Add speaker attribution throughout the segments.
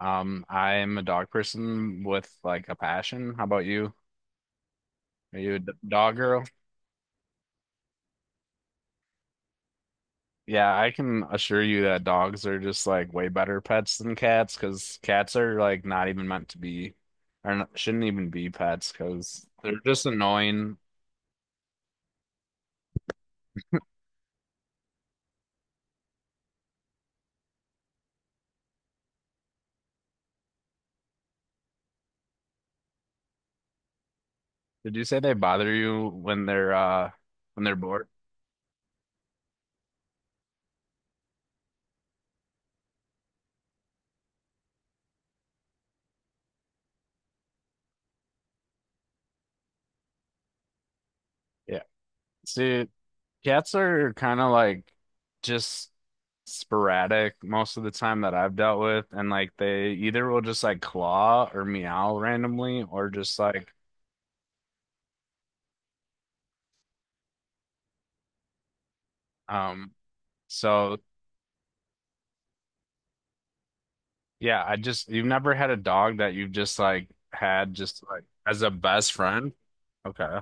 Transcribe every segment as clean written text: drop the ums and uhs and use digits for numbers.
Speaker 1: I am a dog person with like a passion. How about you? Are you a dog girl? Yeah, I can assure you that dogs are just like way better pets than cats because cats are like not even meant to be, or not, shouldn't even be pets because they're just annoying. Did you say they bother you when they're bored? Yeah. See, cats are kind of like just sporadic most of the time that I've dealt with, and like they either will just like claw or meow randomly, or just like um. So yeah, I just you've never had a dog that you've just like had just like as a best friend. Okay.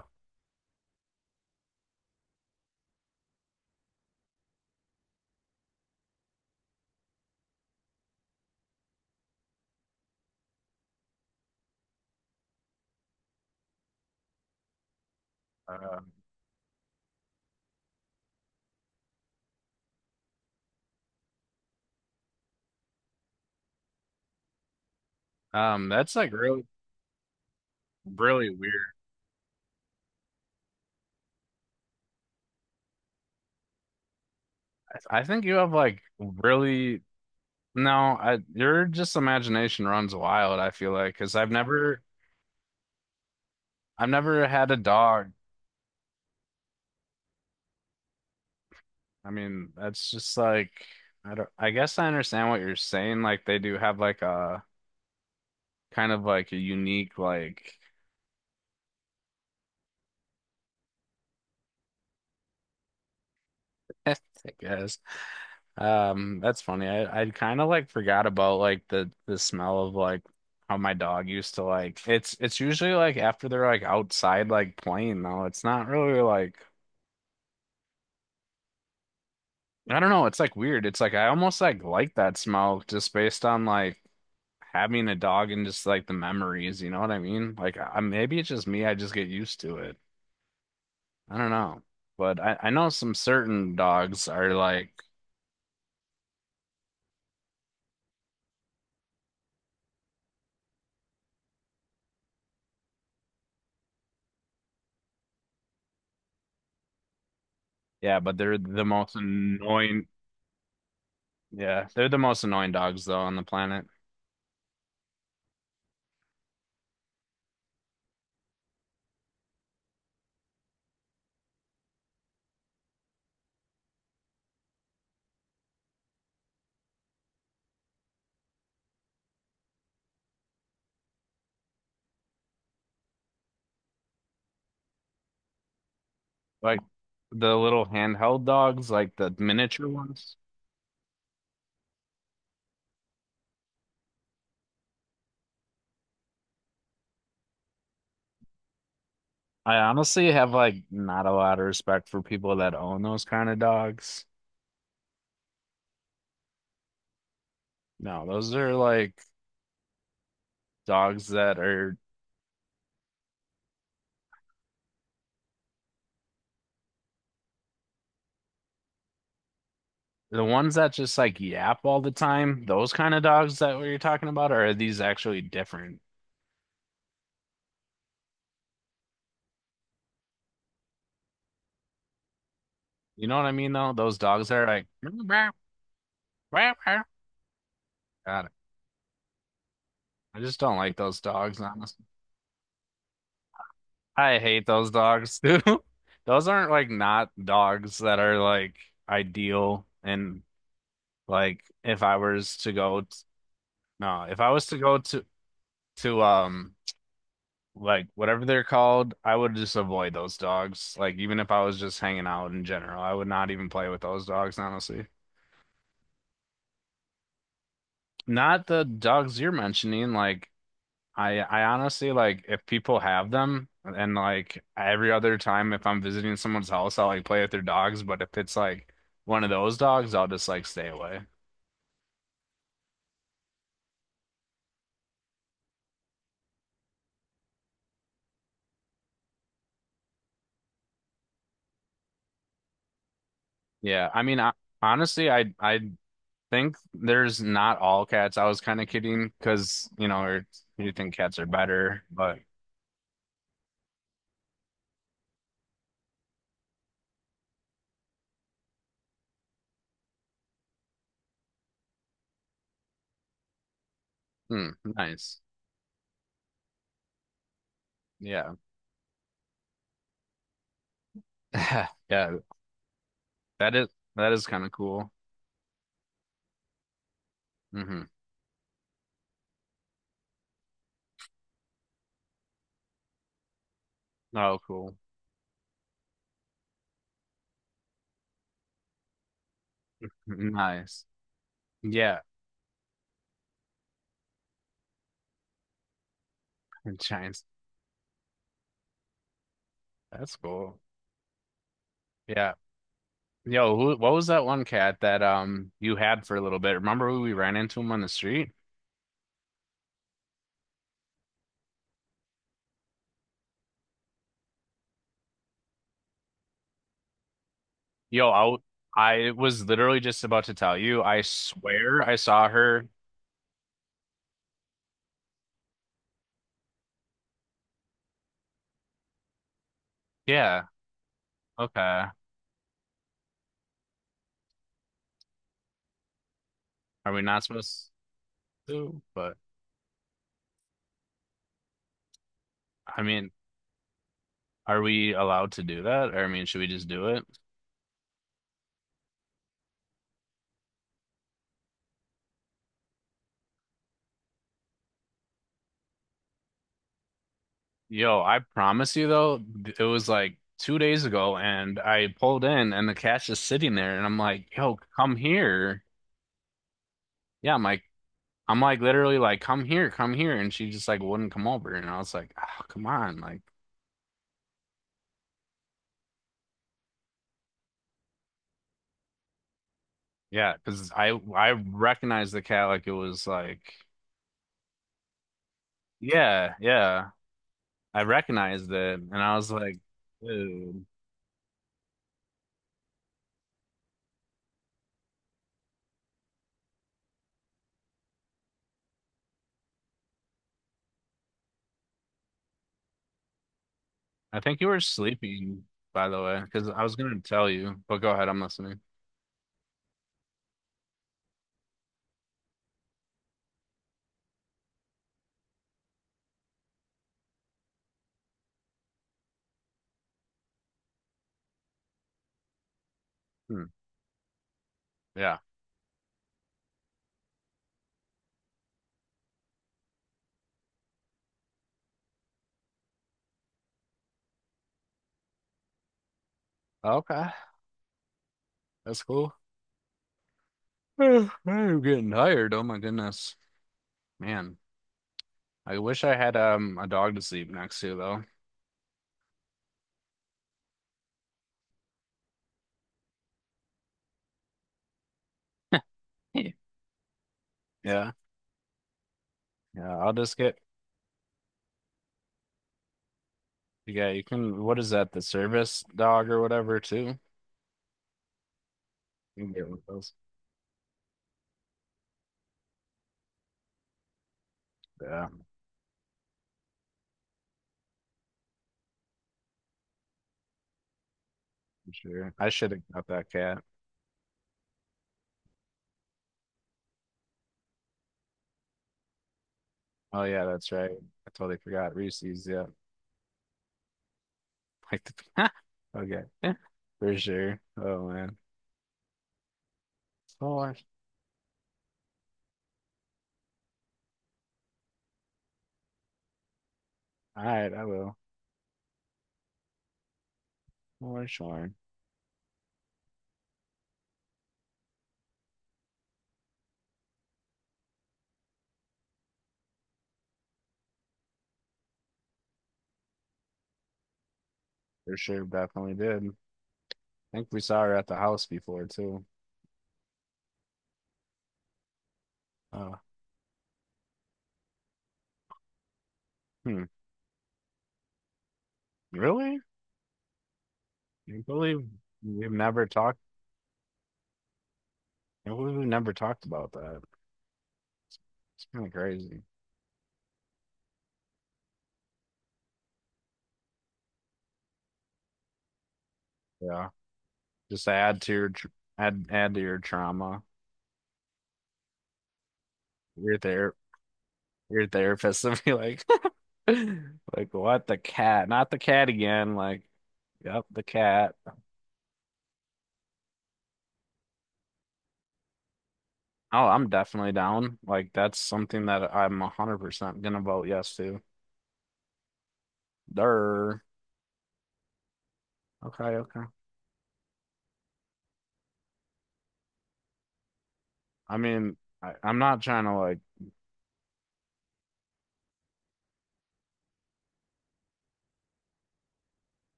Speaker 1: Uh, that's like really really weird. I think you have like really no, I your just imagination runs wild, I feel like, because I've never. I've never had a dog. I mean, that's just like I don't I guess I understand what you're saying. Like they do have like a kind of like a unique like I guess. That's funny. I kind of like forgot about like the smell of like how my dog used to like it's usually like after they're like outside like playing though. It's not really like I don't know. It's like weird. It's like I almost like that smell just based on like having a dog and just like the memories. You know what I mean? Like I, maybe it's just me. I just get used to it. I don't know. But I know some certain dogs are like, yeah, but they're the most annoying. Yeah, they're the most annoying dogs though on the planet. Like the little handheld dogs, like the miniature ones. I honestly have like not a lot of respect for people that own those kind of dogs. No, those are like dogs that are the ones that just like yap all the time, those kind of dogs that we are talking about, or are these actually different? You know what I mean though? Those dogs that are like got it. I just don't like those dogs, honestly. I hate those dogs too. Those aren't like not dogs that are like ideal and like if I was to no, if I was to go to to um like whatever they're called, I would just avoid those dogs. Like even if I was just hanging out in general, I would not even play with those dogs, honestly. Not the dogs you're mentioning. Like I honestly like if people have them, and like every other time if I'm visiting someone's house, I'll like play with their dogs. But if it's like one of those dogs, I'll just like stay away. Yeah, I mean, I, honestly, I think there's not all cats. I was kind of kidding because you know, or you think cats are better, but. Hmm, nice. Yeah. Yeah, that is that is kind of cool. Hmm. Oh, cool. Nice. Yeah, giants. That's cool. Yeah. Yo, who, what was that one cat that you had for a little bit? Remember who we ran into him on the street? Yo, I was literally just about to tell you. I swear I saw her. Yeah. Okay. Are we not supposed to? But I mean, are we allowed to do that? Or I mean, should we just do it? Yo, I promise you though, it was like 2 days ago and I pulled in and the cash is sitting there and I'm like, yo, come here. Yeah, I'm like literally like, come here, come here. And she just like wouldn't come over. And I was like, oh, come on. Like, yeah, because I recognized the cat like it was like, yeah, yeah. I recognized it. And I was like, dude, I think you were sleeping, by the way, because I was gonna tell you, but go ahead, I'm listening. Hmm, yeah. Okay. That's cool. Ugh, I'm getting tired. Oh my goodness. Man, I wish I had a dog to sleep next to though. Yeah. Yeah, Yeah, I'll just get yeah, you can what is that, the service dog or whatever too? You can get one of those. Yeah, for sure. I should have got that cat. Oh yeah, that's right. I totally forgot. Reese's, yeah. Like the okay. Yeah, for sure. Oh man. Sure. All right, I will. For sure. For sure, definitely did. I think we saw her at the house before too. Oh. Hmm. Really? I believe we've never talked. I believe we've never talked about that. It's, it's kind of crazy. Yeah. Just add to your tr add add to your trauma. Your ther your therapist would be like, like what the cat? Not the cat again. Like, yep, the cat. Oh, I'm definitely down. Like that's something that I'm 100% gonna vote yes to. There. Okay, okay. I mean, I, I'm not trying to like,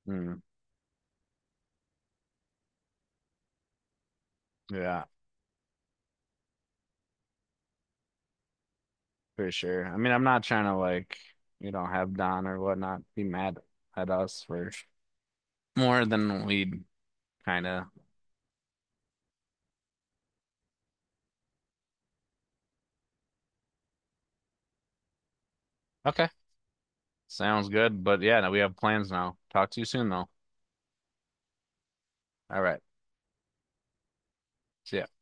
Speaker 1: mm, yeah. For sure. I mean, I'm not trying to like, you know, have Don or whatnot be mad at us for more than we'd kind of. Okay, sounds good. But yeah, no, we have plans now. Talk to you soon, though. All right, see ya.